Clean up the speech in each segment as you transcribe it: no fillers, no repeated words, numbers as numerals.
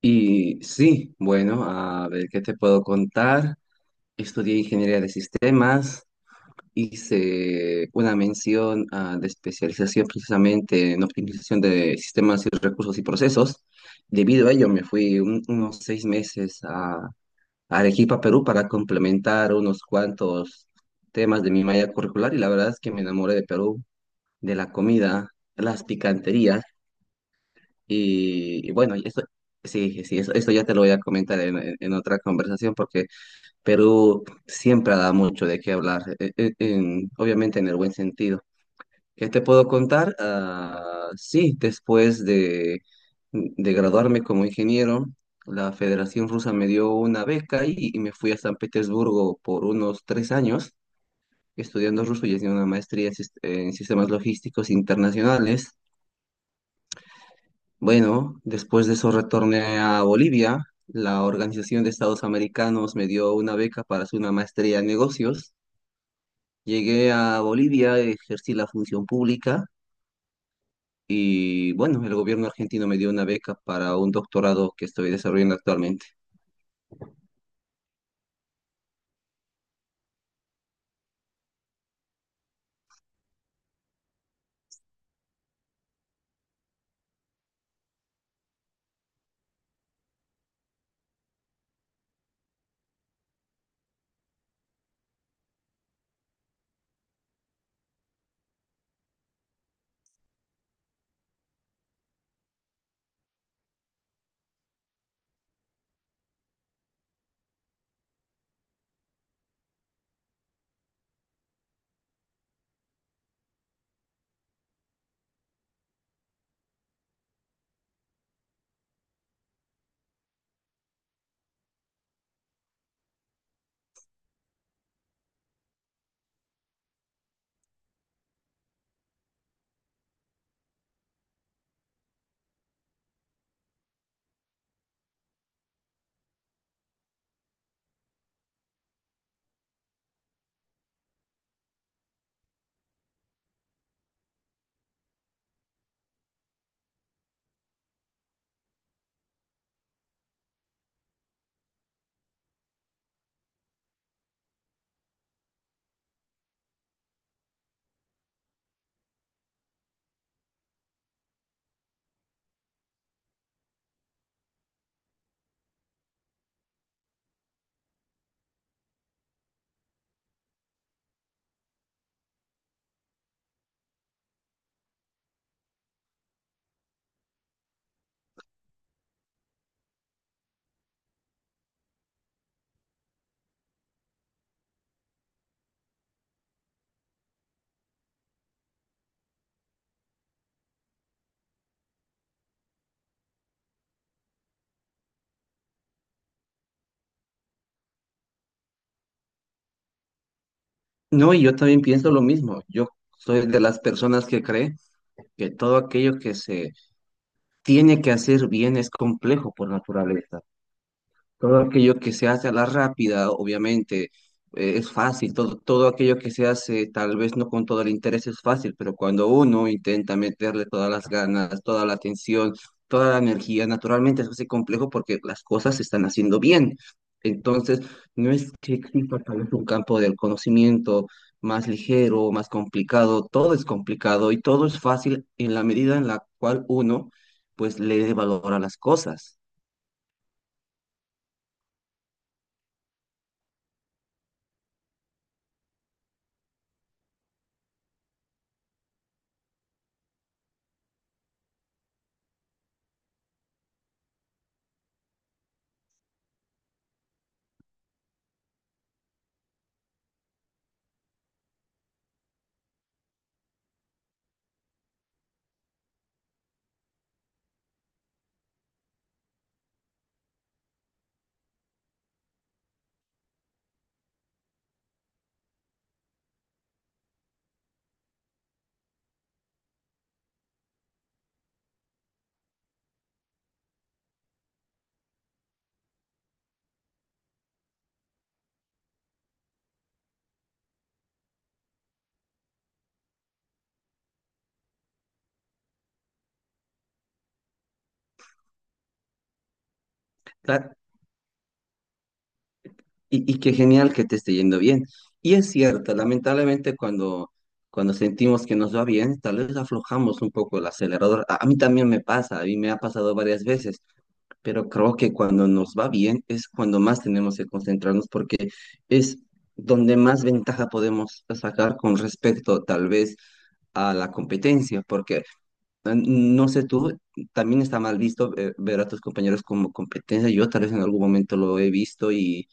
Y sí, bueno, a ver qué te puedo contar. Estudié ingeniería de sistemas, hice una mención de especialización precisamente en optimización de sistemas y recursos y procesos. Debido a ello, me fui unos 6 meses a Arequipa, Perú, para complementar unos cuantos temas de mi malla curricular y la verdad es que me enamoré de Perú, de la comida, las picanterías. Y, y bueno, y esto, sí, sí, eso, esto ya te lo voy a comentar en otra conversación porque Perú siempre da mucho de qué hablar, obviamente en el buen sentido. ¿Qué te puedo contar? Ah, sí, de graduarme como ingeniero, la Federación Rusa me dio una beca y me fui a San Petersburgo por unos 3 años estudiando ruso y haciendo una maestría en sistemas logísticos internacionales. Bueno, después de eso retorné a Bolivia. La Organización de Estados Americanos me dio una beca para hacer una maestría en negocios. Llegué a Bolivia, ejercí la función pública y bueno, el gobierno argentino me dio una beca para un doctorado que estoy desarrollando actualmente. No, y yo también pienso lo mismo. Yo soy de las personas que cree que todo aquello que se tiene que hacer bien es complejo por naturaleza. Todo aquello que se hace a la rápida, obviamente, es fácil. Todo aquello que se hace, tal vez no con todo el interés, es fácil, pero cuando uno intenta meterle todas las ganas, toda la atención, toda la energía, naturalmente se hace complejo porque las cosas se están haciendo bien. Entonces, no es que exista tal vez un campo del conocimiento más ligero, más complicado, todo es complicado y todo es fácil en la medida en la cual uno, pues, le dé valor a las cosas. Cla- y qué genial que te esté yendo bien. Y es cierto, lamentablemente cuando sentimos que nos va bien, tal vez aflojamos un poco el acelerador. A mí también me pasa, a mí me ha pasado varias veces, pero creo que cuando nos va bien es cuando más tenemos que concentrarnos porque es donde más ventaja podemos sacar con respecto tal vez a la competencia, porque no sé tú, también está mal visto ver a tus compañeros como competencia. Yo tal vez en algún momento lo he visto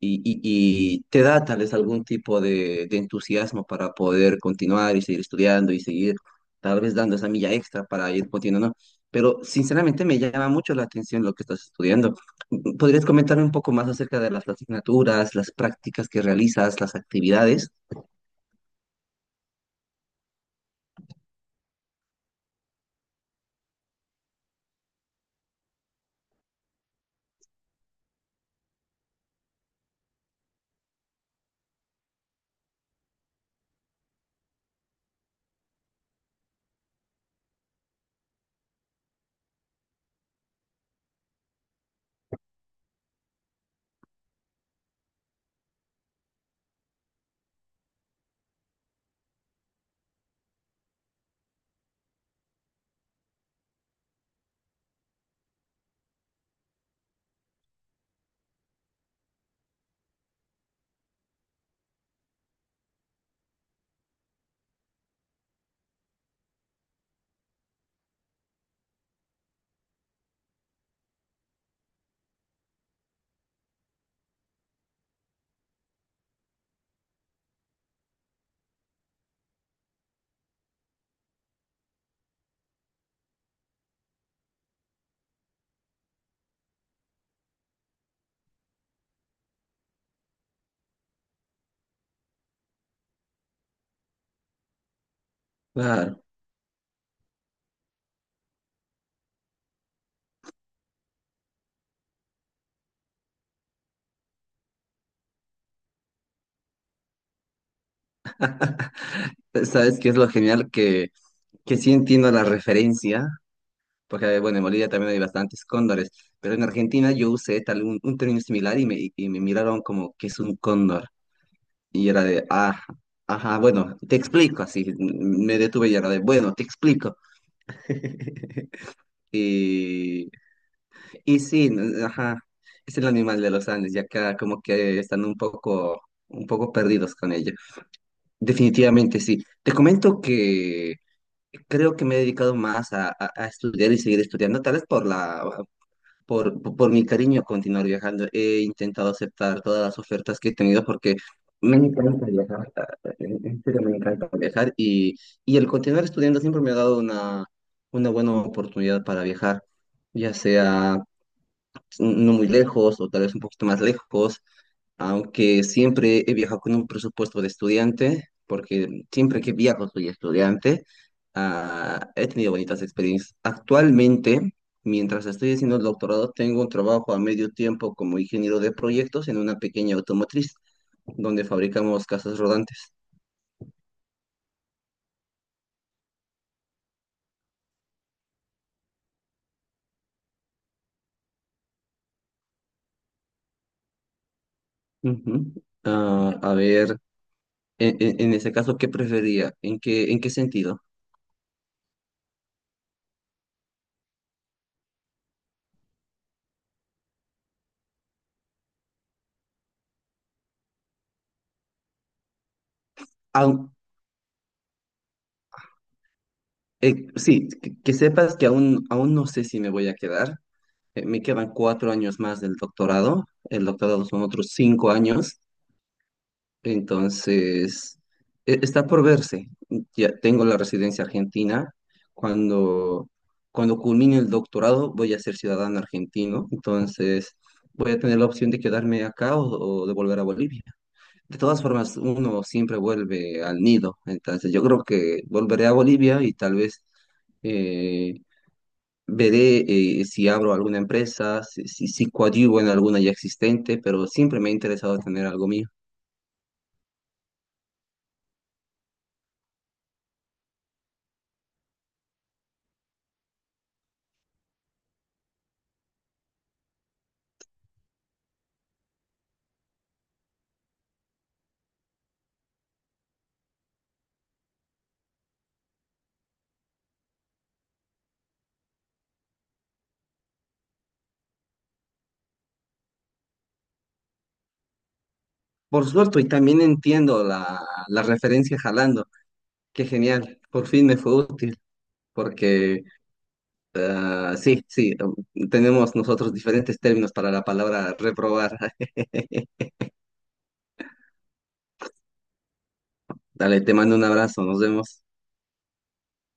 y, y- y te da tal vez algún tipo de entusiasmo para poder continuar y seguir estudiando y seguir tal vez dando esa milla extra para ir continuando. Pero sinceramente me llama mucho la atención lo que estás estudiando. ¿Podrías comentarme un poco más acerca de las asignaturas, las prácticas que realizas, las actividades? Claro, sabes que es lo genial que sí entiendo la referencia, porque bueno, en Bolivia también hay bastantes cóndores, pero en Argentina yo usé tal un término similar y me miraron como que es un cóndor. Y era de, ajá, ajá, bueno, te explico, así me detuve y era de, bueno, te explico. Y, y sí, ajá, es el animal de los Andes, ya acá como que están un poco perdidos con ello. Definitivamente sí. Te comento que creo que me he dedicado más a estudiar y seguir estudiando, tal vez por mi cariño a continuar viajando, he intentado aceptar todas las ofertas que he tenido porque me encanta viajar, en serio me encanta viajar y el continuar estudiando siempre me ha dado una buena oportunidad para viajar, ya sea no muy lejos o tal vez un poquito más lejos, aunque siempre he viajado con un presupuesto de estudiante, porque siempre que viajo soy estudiante, he tenido bonitas experiencias. Actualmente, mientras estoy haciendo el doctorado, tengo un trabajo a medio tiempo como ingeniero de proyectos en una pequeña automotriz donde fabricamos casas rodantes. Ujú. Ah, a ver, en ese caso, ¿qué prefería? En qué sentido? Aun- sí, que sepas que aún, aún no sé si me voy a quedar. Me quedan 4 años más del doctorado. El doctorado son otros 5 años. Entonces, está por verse. Ya tengo la residencia argentina. Cuando, cuando culmine el doctorado, voy a ser ciudadano argentino. Entonces, voy a tener la opción de quedarme acá o de volver a Bolivia. De todas formas, uno siempre vuelve al nido. Entonces, yo creo que volveré a Bolivia y tal vez eh, veré si abro alguna empresa, si coadyuvo en alguna ya existente, pero siempre me ha interesado tener algo mío. Por suerte, y también entiendo la, la referencia jalando. Qué genial, por fin me fue útil, porque ah, sí, sí, tenemos nosotros diferentes términos para la palabra reprobar. Dale, te mando un abrazo, nos vemos.